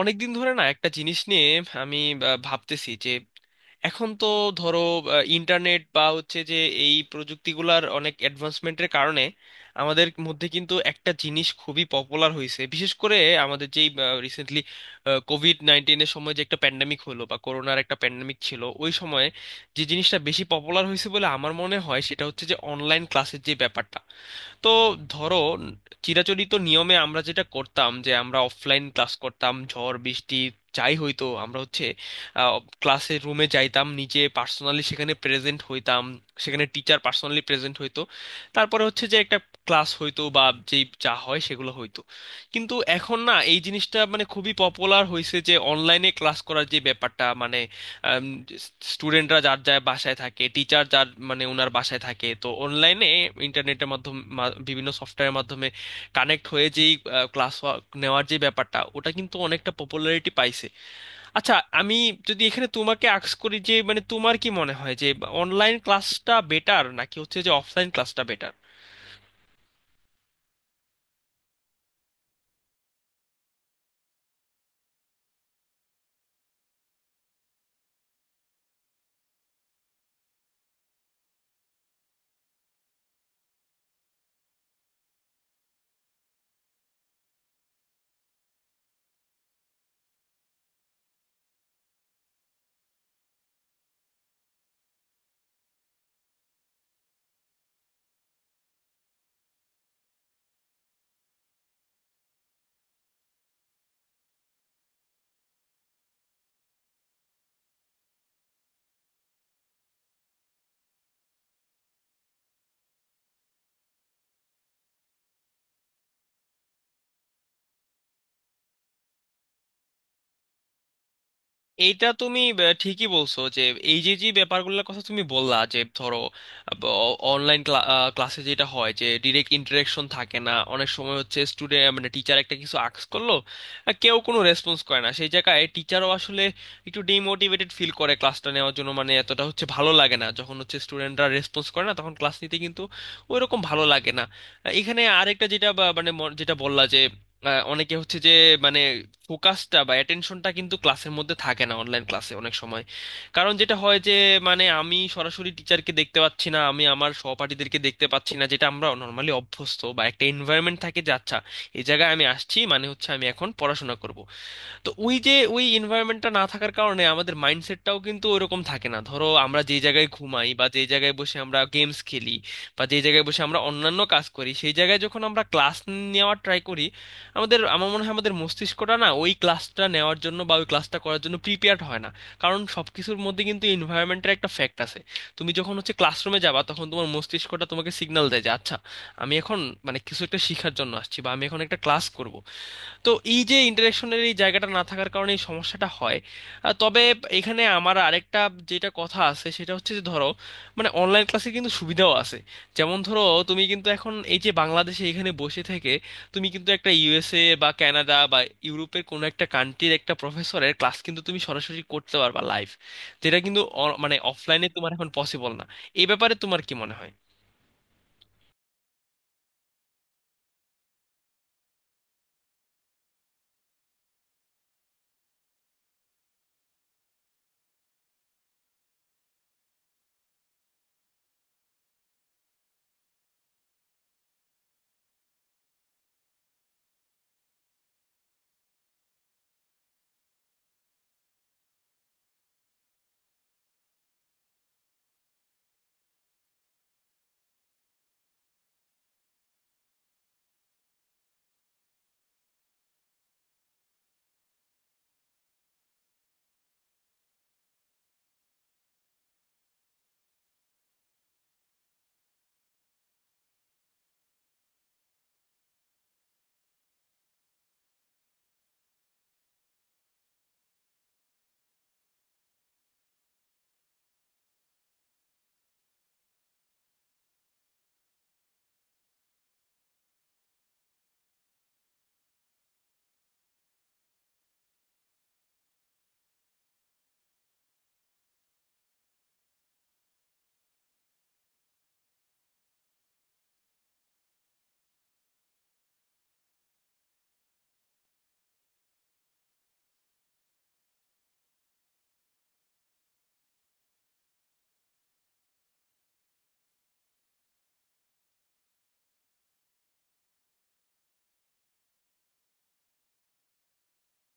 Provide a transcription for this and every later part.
অনেকদিন ধরে না একটা জিনিস নিয়ে আমি ভাবতেছি যে এখন তো ধরো ইন্টারনেট বা হচ্ছে যে এই প্রযুক্তিগুলার অনেক অ্যাডভান্সমেন্টের কারণে আমাদের মধ্যে কিন্তু একটা জিনিস খুবই পপুলার হয়েছে, বিশেষ করে আমাদের যেই রিসেন্টলি COVID-19-এর সময় যে একটা প্যান্ডেমিক হলো বা করোনার একটা প্যান্ডেমিক ছিল ওই সময়ে, যে জিনিসটা বেশি পপুলার হয়েছে বলে আমার মনে হয় সেটা হচ্ছে যে অনলাইন ক্লাসের যে ব্যাপারটা। তো ধরো, চিরাচরিত নিয়মে আমরা যেটা করতাম যে আমরা অফলাইন ক্লাস করতাম, ঝড় বৃষ্টি যাই হইতো আমরা হচ্ছে ক্লাসের রুমে যাইতাম, নিজে পার্সোনালি সেখানে প্রেজেন্ট হইতাম, সেখানে টিচার পার্সোনালি প্রেজেন্ট হইতো, তারপরে হচ্ছে যে একটা ক্লাস হইতো বা যেই যা হয় সেগুলো হইতো। কিন্তু এখন না এই জিনিসটা মানে খুবই পপুলার হয়েছে যে অনলাইনে ক্লাস করার যে ব্যাপারটা, মানে স্টুডেন্টরা যার যার বাসায় থাকে, টিচার যার মানে ওনার বাসায় থাকে, তো অনলাইনে ইন্টারনেটের মাধ্যমে বিভিন্ন সফটওয়্যারের মাধ্যমে কানেক্ট হয়ে যেই ক্লাস নেওয়ার যে ব্যাপারটা, ওটা কিন্তু অনেকটা পপুলারিটি পাইছে। আচ্ছা, আমি যদি এখানে তোমাকে আস্ক করি যে মানে তোমার কি মনে হয় যে অনলাইন ক্লাসটা বেটার নাকি হচ্ছে যে অফলাইন ক্লাসটা বেটার? এইটা তুমি ঠিকই বলছো যে এই যে যে ব্যাপারগুলোর কথা তুমি বললা যে ধরো অনলাইন ক্লাসে যেটা হয় যে ডিরেক্ট ইন্টারেকশন থাকে না, অনেক সময় হচ্ছে স্টুডেন্ট মানে টিচার একটা কিছু আক্স করলো, আর কেউ কোনো রেসপন্স করে না, সেই জায়গায় টিচারও আসলে একটু ডিমোটিভেটেড ফিল করে ক্লাসটা নেওয়ার জন্য, মানে এতটা হচ্ছে ভালো লাগে না, যখন হচ্ছে স্টুডেন্টরা রেসপন্স করে না তখন ক্লাস নিতে কিন্তু ওইরকম ভালো লাগে না। এখানে আরেকটা যেটা যেটা বললা যে অনেকে হচ্ছে যে মানে ফোকাসটা বা অ্যাটেনশনটা কিন্তু ক্লাসের মধ্যে থাকে না অনলাইন ক্লাসে অনেক সময়। কারণ যেটা হয় যে মানে আমি সরাসরি টিচারকে দেখতে পাচ্ছি না, আমি আমার সহপাঠীদেরকে দেখতে পাচ্ছি না, যেটা আমরা নর্মালি অভ্যস্ত বা একটা এনভায়রনমেন্ট থাকে যে আচ্ছা এই জায়গায় আমি আসছি মানে হচ্ছে আমি এখন পড়াশোনা করব। তো ওই যে ওই এনভায়রনমেন্টটা না থাকার কারণে আমাদের মাইন্ডসেটটাও কিন্তু ওইরকম থাকে না। ধরো আমরা যে জায়গায় ঘুমাই বা যে জায়গায় বসে আমরা গেমস খেলি বা যে জায়গায় বসে আমরা অন্যান্য কাজ করি, সেই জায়গায় যখন আমরা ক্লাস নেওয়ার ট্রাই করি, আমাদের আমার মনে হয় আমাদের মস্তিষ্কটা না ওই ক্লাসটা নেওয়ার জন্য বা ওই ক্লাসটা করার জন্য প্রিপেয়ার্ড হয় না। কারণ সবকিছুর মধ্যে কিন্তু এনভায়রনমেন্টের একটা ফ্যাক্ট আছে। তুমি যখন হচ্ছে ক্লাসরুমে যাবা তখন তোমার মস্তিষ্কটা তোমাকে সিগন্যাল দেয় যে আচ্ছা আমি এখন মানে কিছু একটা শেখার জন্য আসছি বা আমি এখন একটা ক্লাস করব। তো এই যে ইন্টারেকশনের এই জায়গাটা না থাকার কারণে এই সমস্যাটা হয়। তবে এখানে আমার আরেকটা যেটা কথা আছে সেটা হচ্ছে যে ধরো মানে অনলাইন ক্লাসে কিন্তু সুবিধাও আছে। যেমন ধরো, তুমি কিন্তু এখন এই যে বাংলাদেশে এখানে বসে থেকে তুমি কিন্তু একটা ইউএসএ বা কানাডা বা ইউরোপের কোনো একটা কান্ট্রির একটা প্রফেসরের ক্লাস কিন্তু তুমি সরাসরি করতে পারবা লাইভ, যেটা কিন্তু মানে অফলাইনে তোমার এখন পসিবল না। এই ব্যাপারে তোমার কি মনে হয়?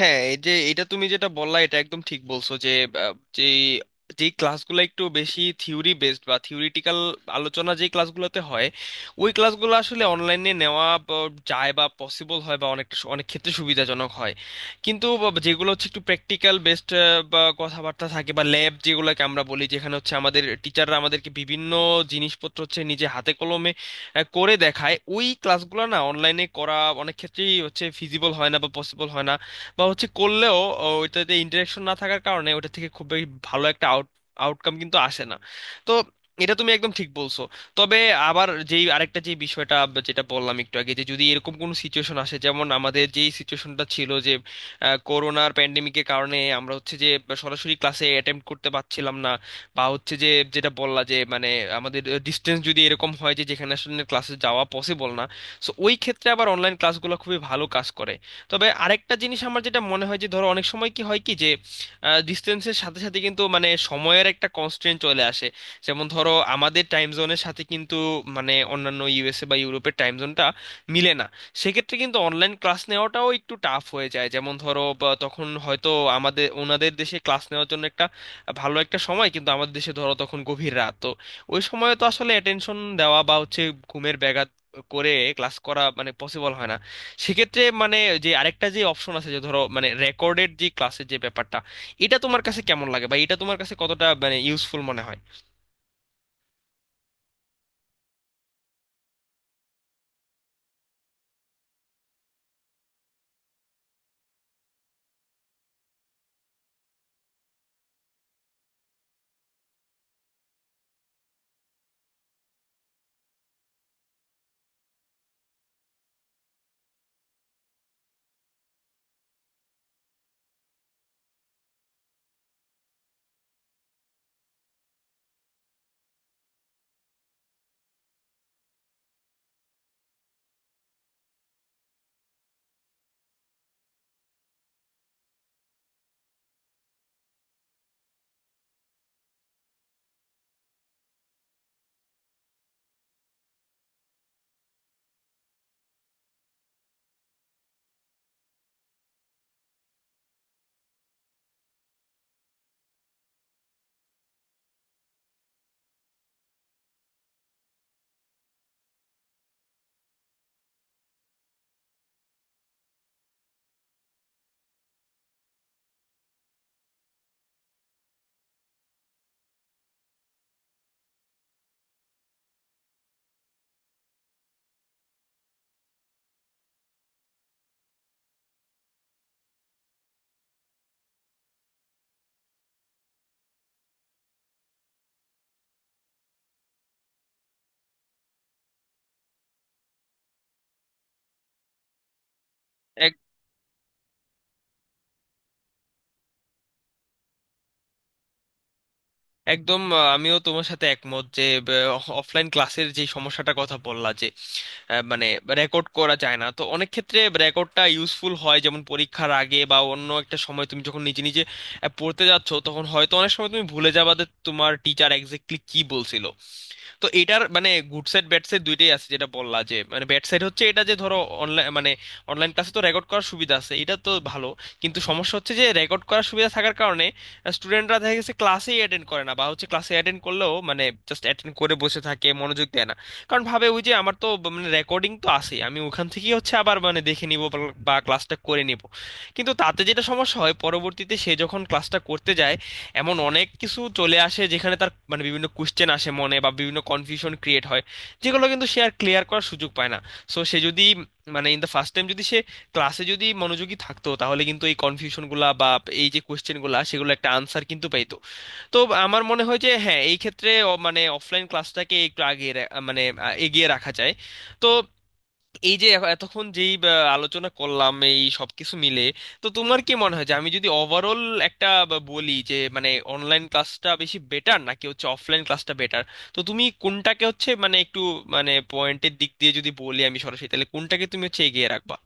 হ্যাঁ, এই যে এটা তুমি যেটা বললা এটা একদম ঠিক বলছো যে যে যে ক্লাসগুলো একটু বেশি থিওরি বেসড বা থিওরিটিক্যাল আলোচনা যে ক্লাসগুলোতে হয়, ওই ক্লাসগুলো আসলে অনলাইনে নেওয়া যায় বা পসিবল হয় বা অনেকটা অনেক ক্ষেত্রে সুবিধাজনক হয়। কিন্তু যেগুলো হচ্ছে একটু প্র্যাকটিক্যাল বেসড বা কথাবার্তা থাকে বা ল্যাব যেগুলোকে আমরা বলি, যেখানে হচ্ছে আমাদের টিচাররা আমাদেরকে বিভিন্ন জিনিসপত্র হচ্ছে নিজে হাতে কলমে করে দেখায়, ওই ক্লাসগুলো না অনলাইনে করা অনেক ক্ষেত্রেই হচ্ছে ফিজিবল হয় না বা পসিবল হয় না। বা হচ্ছে করলেও ওইটাতে ইন্টারেকশন না থাকার কারণে ওটা থেকে খুব বেশি ভালো একটা আউটকাম কিন্তু আসে না। তো এটা তুমি একদম ঠিক বলছো। তবে আবার যেই আরেকটা যে বিষয়টা বা যেটা বললাম একটু আগে যে যদি এরকম কোনো সিচুয়েশন আসে, যেমন আমাদের যেই সিচুয়েশনটা ছিল যে করোনার প্যান্ডেমিকের কারণে আমরা হচ্ছে যে সরাসরি ক্লাসে অ্যাটেম্প করতে পারছিলাম না, বা হচ্ছে যে যেটা বললা যে মানে আমাদের ডিস্টেন্স যদি এরকম হয় যে যেখানে আসলে ক্লাসে যাওয়া পসিবল না, সো ওই ক্ষেত্রে আবার অনলাইন ক্লাসগুলো খুবই ভালো কাজ করে। তবে আরেকটা জিনিস আমার যেটা মনে হয় যে ধরো অনেক সময় কি হয় কি যে ডিস্টেন্সের সাথে সাথে কিন্তু মানে সময়ের একটা কনস্ট্রেন্ট চলে আসে। যেমন ধরো, আমাদের টাইম জোনের সাথে কিন্তু মানে অন্যান্য ইউএসএ বা ইউরোপের টাইম জোনটা মিলে না। সেক্ষেত্রে কিন্তু অনলাইন ক্লাস নেওয়াটাও একটু টাফ হয়ে যায়, যেমন ধরো বা তখন হয়তো আমাদের ওনাদের দেশে ক্লাস নেওয়ার জন্য একটা ভালো একটা সময় কিন্তু আমাদের দেশে ধরো তখন গভীর রাত, তো ওই সময়ে তো আসলে অ্যাটেনশন দেওয়া বা হচ্ছে ঘুমের ব্যাঘাত করে ক্লাস করা মানে পসিবল হয় না। সেক্ষেত্রে মানে যে আরেকটা যে অপশন আছে যে ধরো মানে রেকর্ডেড যে ক্লাসের যে ব্যাপারটা, এটা তোমার কাছে কেমন লাগে বা এটা তোমার কাছে কতটা মানে ইউজফুল মনে হয়? এক- একদম আমিও তোমার সাথে একমত যে অফলাইন ক্লাসের যে সমস্যাটা কথা বললা যে মানে রেকর্ড করা যায় না, তো অনেক ক্ষেত্রে রেকর্ডটা ইউজফুল হয়, যেমন পরীক্ষার আগে বা অন্য একটা সময় তুমি যখন নিজে নিজে পড়তে যাচ্ছ তখন হয়তো অনেক সময় তুমি ভুলে যাবা যে তোমার টিচার এক্স্যাক্টলি কি বলছিল। তো এটার মানে গুড সাইড ব্যাড সাইড দুইটাই আছে, যেটা বললা যে মানে ব্যাড সাইড হচ্ছে এটা যে ধরো অনলাইন মানে অনলাইন ক্লাসে তো রেকর্ড করার সুবিধা আছে, এটা তো ভালো। কিন্তু সমস্যা হচ্ছে যে রেকর্ড করার সুবিধা থাকার কারণে স্টুডেন্টরা দেখা গেছে ক্লাসেই অ্যাটেন্ড করে না, বা হচ্ছে ক্লাসে অ্যাটেন্ড করলেও মানে জাস্ট অ্যাটেন্ড করে বসে থাকে, মনোযোগ দেয় না। কারণ ভাবে ওই যে আমার তো মানে রেকর্ডিং তো আছে, আমি ওখান থেকেই হচ্ছে আবার মানে দেখে নিব বা ক্লাসটা করে নিব। কিন্তু তাতে যেটা সমস্যা হয় পরবর্তীতে সে যখন ক্লাসটা করতে যায়, এমন অনেক কিছু চলে আসে যেখানে তার মানে বিভিন্ন কোশ্চেন আসে মনে বা বিভিন্ন কনফিউশন ক্রিয়েট হয়, যেগুলো কিন্তু সে আর ক্লিয়ার করার সুযোগ পায় না। সো সে যদি মানে ইন দ্য ফার্স্ট টাইম যদি সে ক্লাসে যদি মনোযোগী থাকতো, তাহলে কিন্তু এই কনফিউশনগুলা বা এই যে কোশ্চেনগুলা সেগুলো একটা আনসার কিন্তু পেতো। তো আমার মনে হয় যে হ্যাঁ এই ক্ষেত্রে মানে অফলাইন ক্লাসটাকে একটু আগে মানে এগিয়ে রাখা যায়। তো এই যে এতক্ষণ যেই আলোচনা করলাম এই সবকিছু মিলে, তো তোমার কি মনে হয় যে আমি যদি ওভারঅল একটা বলি যে মানে অনলাইন ক্লাসটা বেশি বেটার নাকি হচ্ছে অফলাইন ক্লাসটা বেটার? তো তুমি কোনটাকে হচ্ছে মানে একটু মানে পয়েন্টের দিক দিয়ে যদি বলি আমি সরাসরি তাহলে কোনটাকে তুমি হচ্ছে এগিয়ে রাখবা?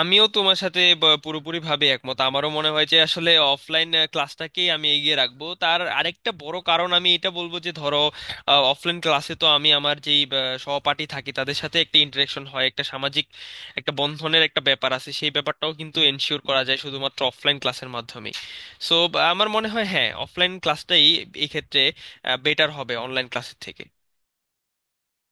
আমিও তোমার সাথে পুরোপুরিভাবে একমত। আমারও মনে হয় যে আসলে অফলাইন ক্লাসটাকেই আমি এগিয়ে রাখবো। তার আরেকটা বড় কারণ আমি এটা বলবো যে ধরো অফলাইন ক্লাসে তো আমি আমার যেই সহপাঠী থাকি তাদের সাথে একটা ইন্টারেকশন হয়, একটা সামাজিক একটা বন্ধনের একটা ব্যাপার আছে, সেই ব্যাপারটাও কিন্তু এনশিওর করা যায় শুধুমাত্র অফলাইন ক্লাসের মাধ্যমে। সো আমার মনে হয় হ্যাঁ অফলাইন ক্লাসটাই এক্ষেত্রে বেটার হবে অনলাইন ক্লাসের থেকে।